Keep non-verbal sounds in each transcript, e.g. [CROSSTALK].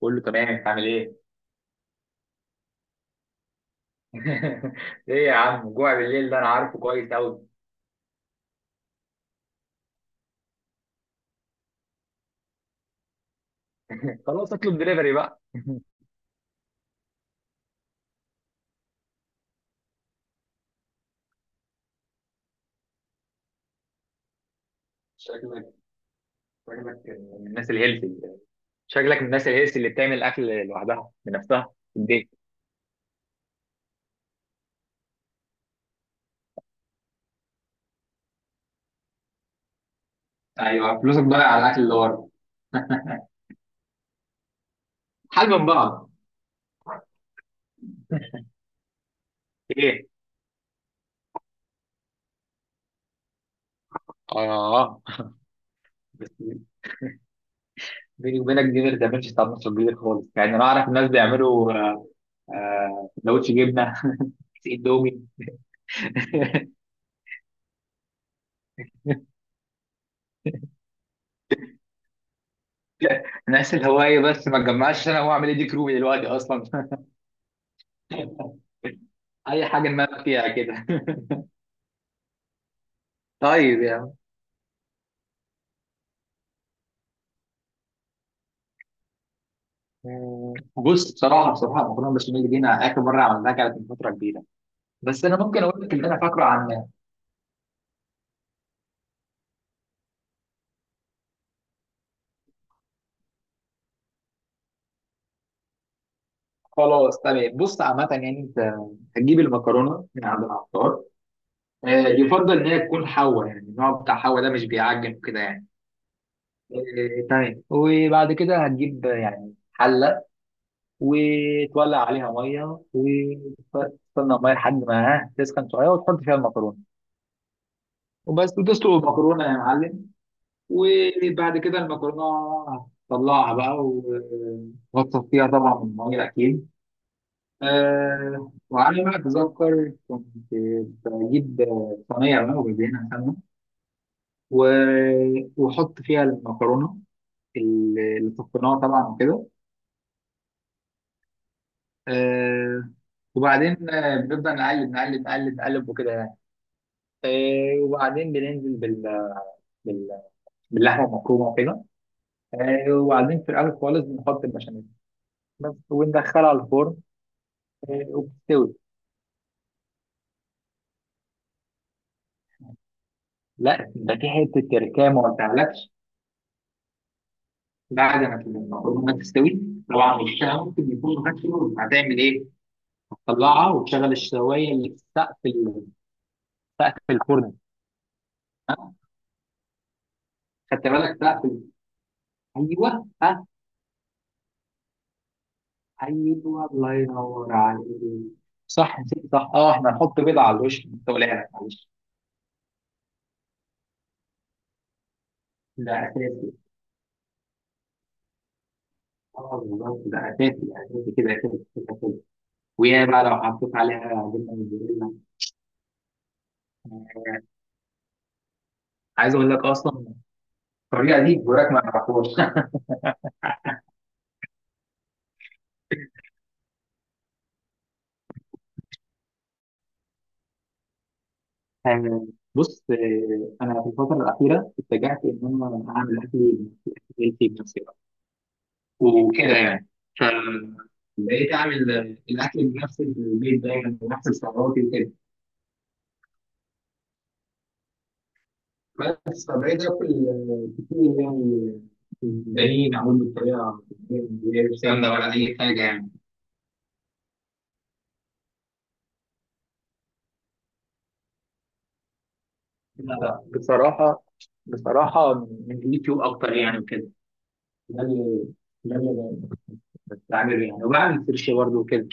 كله تمام، انت عامل ايه؟ [LAUGHS] ايه يا عم، جوع بالليل ده انا عارفه كويس قوي. [LAUGHS] خلاص، اطلب دليفري بقى. [LAUGHS] شكلك شكلك من الناس الهيلثي. شكلك من الناس الهيلثي اللي بتعمل اكل لوحدها بنفسها في البيت. ايوه، فلوسك ضايعه على الاكل اللي ورا. حل من بعض. ايه؟ اه، بس بيني وبينك دي ما بتعملش طعم نص الجديد خالص، يعني انا اعرف الناس بيعملوا سندوتش جبنه. [LAUGHS] كيس اندومي. [LAUGHS] نفس الهواية، بس ما تجمعش، انا هو اعمل ايه؟ دي كروبي دلوقتي اصلا. [LAUGHS] اي حاجة نمام فيها كده. [LAUGHS] طيب يا عم، بص، بصراحة المكرونة البشاميل دي انا اخر مرة عملتها كانت من فترة كبيرة، بس انا ممكن اقول لك اللي انا فاكره عنها. خلاص تمام، بص، عامة يعني انت هتجيب المكرونة من عند العطار، يفضل ان هي تكون حوا، يعني النوع بتاع حوا ده مش بيعجن كده يعني. تمام، وبعد كده هتجيب يعني حلة، وتولع عليها ميه، وتستنى الميه لحد ما ها تسخن شويه، وتحط فيها المكرونه، وبس وتسلق المكرونه يا معلم. وبعد كده المكرونه هتطلعها بقى، وهتصفيها طبعا من الميه اكيد. أه، وعلى ما اتذكر كنت بجيب صينيه بقى، وبدهنها سمنه، واحط فيها المكرونه اللي صفيناها طبعا، وكده. أه، وبعدين بنبدأ نقلب نقلب نقلب نقلب وكده. وبعدين بننزل بال... باللحمه المفرومه وكده. وبعدين في الاول خالص بنحط البشاميل بس، وندخلها على الفرن، وبتستوي. لا، ده في حته تركية ما قلتهالكش. بعد ما المكرونه تستوي طبعا، وشها ممكن يكون غسله، هتعمل ايه؟ هتطلعها وتشغل الشوايه اللي في سقف الفرن. خدت بالك؟ سقف. ايوه ها. ايوه، الله ينور عليك. صح، نسيت، صح، اه، احنا هنحط بيضه على الوش، انت قلقان؟ معلش. ده اساسي. اه، بالظبط، ده اساسي اساسي كده كده كده كده. ويا بقى لو حطيت عليها جبنه موتزاريلا، عايز اقول لك اصلا الطريقه دي جوراك ما يعرفهاش. [LAUGHS] آه، بص، انا في الفتره الاخيره اتجهت ان انا اعمل اكلي بنفسي، أكل بيتي بنفسي بقى، وكده يعني. ف بقيت اعمل الاكل بنفس البيت دايما، بنفس السعرات وكده. بس، فبقيت اكل كتير يعني. بنين اعمل بالطريقه من غير سمنه ولا اي حاجه يعني. لا لا، بصراحة، بصراحة من اليوتيوب أكتر يعني، وكده. ده اللي ده اللي بعمله يعني، وبعمل سيرش برضه وكده.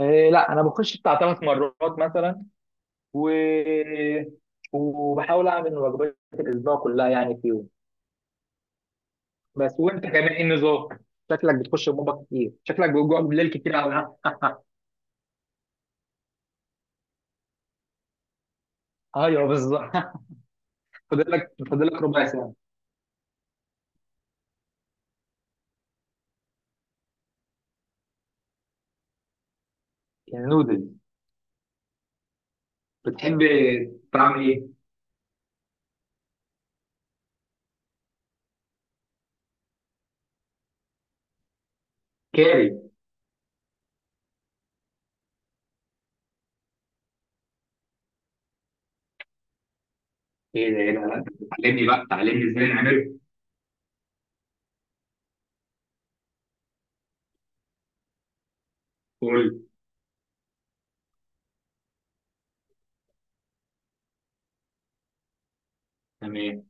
إيه، لا، أنا بخش بتاع ثلاث مرات مثلا، و... وبحاول أعمل وجبات الأسبوع كلها يعني فيهم. بس وأنت كمان إيه النظام؟ شكلك بتخش المطبخ كتير، شكلك بتجوع بالليل كتير أوي، ها؟ أيوه بالظبط. [LAUGHS] فاضل لك ربع ساعة. يعني نودل، بتحب تعمل إيه؟ كاري. إيه ده؟ إيه ده؟ لا لا، تعلمني بقى، تعلمني إزاي نعمله. قول. تمام.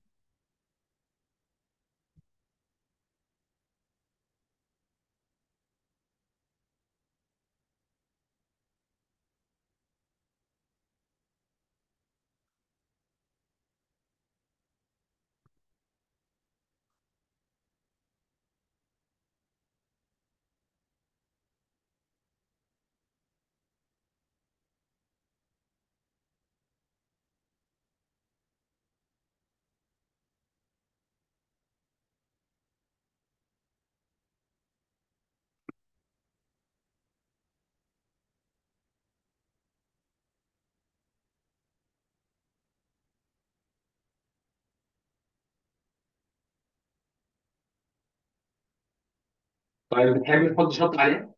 طيب، بتحب تحط شط عليها؟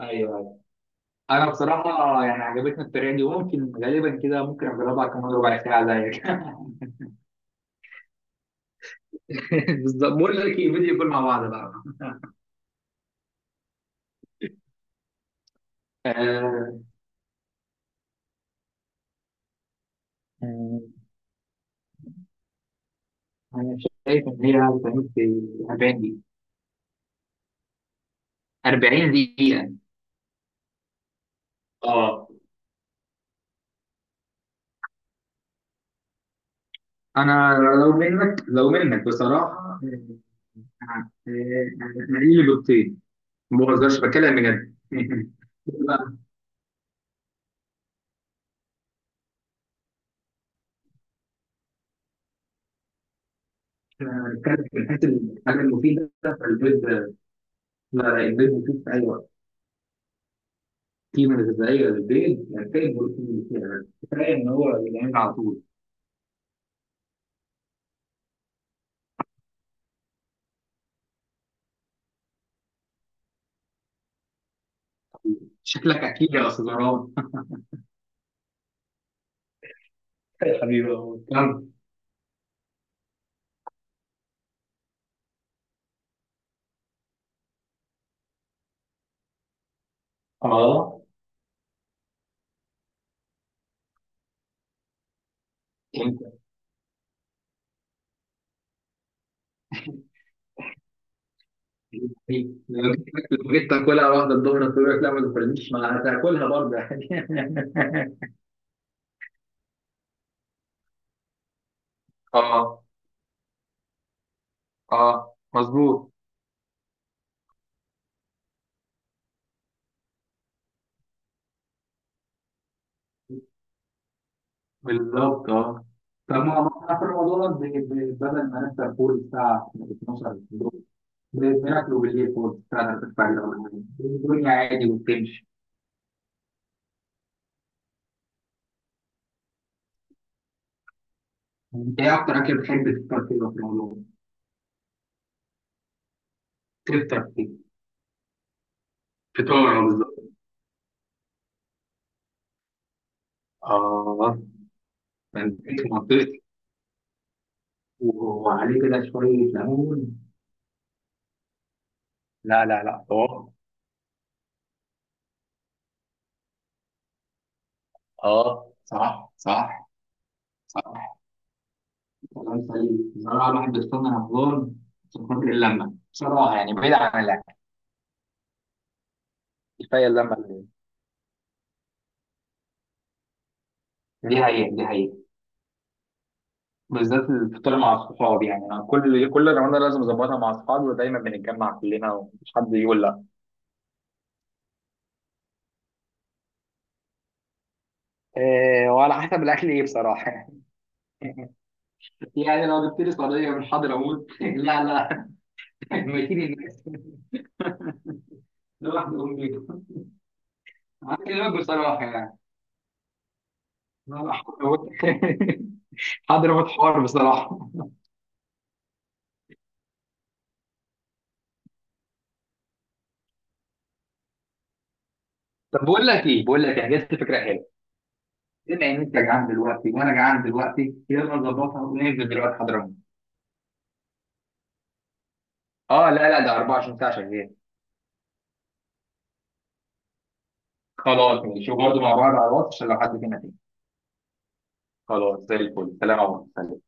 ايوه ايوه. انا بصراحه يعني عجبتني الطريقه دي، وممكن غالبا كده ممكن اجربها كمان ربع ساعه زيك. [LAUGHS] بالظبط. بقول لك ايه، فيديو كول مع بعض بقى. آه، آه، انا شايف ان هي هتعمل في 40 دقيقه. 40 دقيقه؟ اه. انا لو منك بصراحه، آه، آه، انا لي بيضتين، ما بهزرش، بتكلم بجد. [LAUGHS] بقى، بتكلم في الحاجه المفيده، فالبيض. لا لا، البيض مفيد في أي وقت. قيمة غذائية للبيض، ينتهي البروتين اللي فيها، بس كفاية إن هو بيتعمل على طول. شكلك أكيد يا أستاذ مروان. [LAUGHS] يا حبيبي والله. كم؟ آه. أنت أكيد. لو جيت تاكلها واحدة الظهر، تقول لك لا ما تاكلنيش، ما هتاكلها برضه يعني. [LAUGHS] اه، اه مظبوط. بالظبط، اه. طب ما هو احنا في رمضان، بدل ما نفطر فول الساعة 12 بالليل، بناكله بالليل فول الساعة 3 الفجر ولا حاجة، الدنيا عادي وبتمشي. انت ايه اكتر اكل بتحب تفطر فيه في رمضان؟ تفطر فيه، فطار بالظبط. آه. انت في منطقتي. وعليه كده شويه ليمون. لا لا لا، طبعا. اه، صح صح صح. كلام سليم بصراحه، الواحد بيستنى رمضان عشان خاطر اللمه بصراحه، يعني بعيد عن الاكل، كفايه اللمه اللي، دي حقيقه، دي حقيقه. بالذات الفطار مع الصحاب، يعني انا كل رمضان لازم اظبطها مع اصحابي، ودايما بنتجمع كلنا ومش حد يقول لا. إيه، وعلى حسب الاكل ايه بصراحه. [LAUGHS] يعني لو جبت لي صينيه من حضرموت، [LAUGHS] لا لا، [LAUGHS] مدينة الناس، لوحده أقوم بيها، هكلمك بصراحه يعني. لا، لا، حضرموت، حضرموت. [LAUGHS] حوار بصراحه. طب بقول لك إيه، جت فكره حلوه. بما ان انت جعان دلوقتي وانا جعان دلوقتي، يلا نظبطها وننزل دلوقتي حضرموت. اه، لا لا، ده 24 ساعه شغال. خلاص ماشي، وبرضه مع بعض على الواتس عشان لو حد فينا تاني. خلاص، زي الفل، سلام يا عمر. سلام.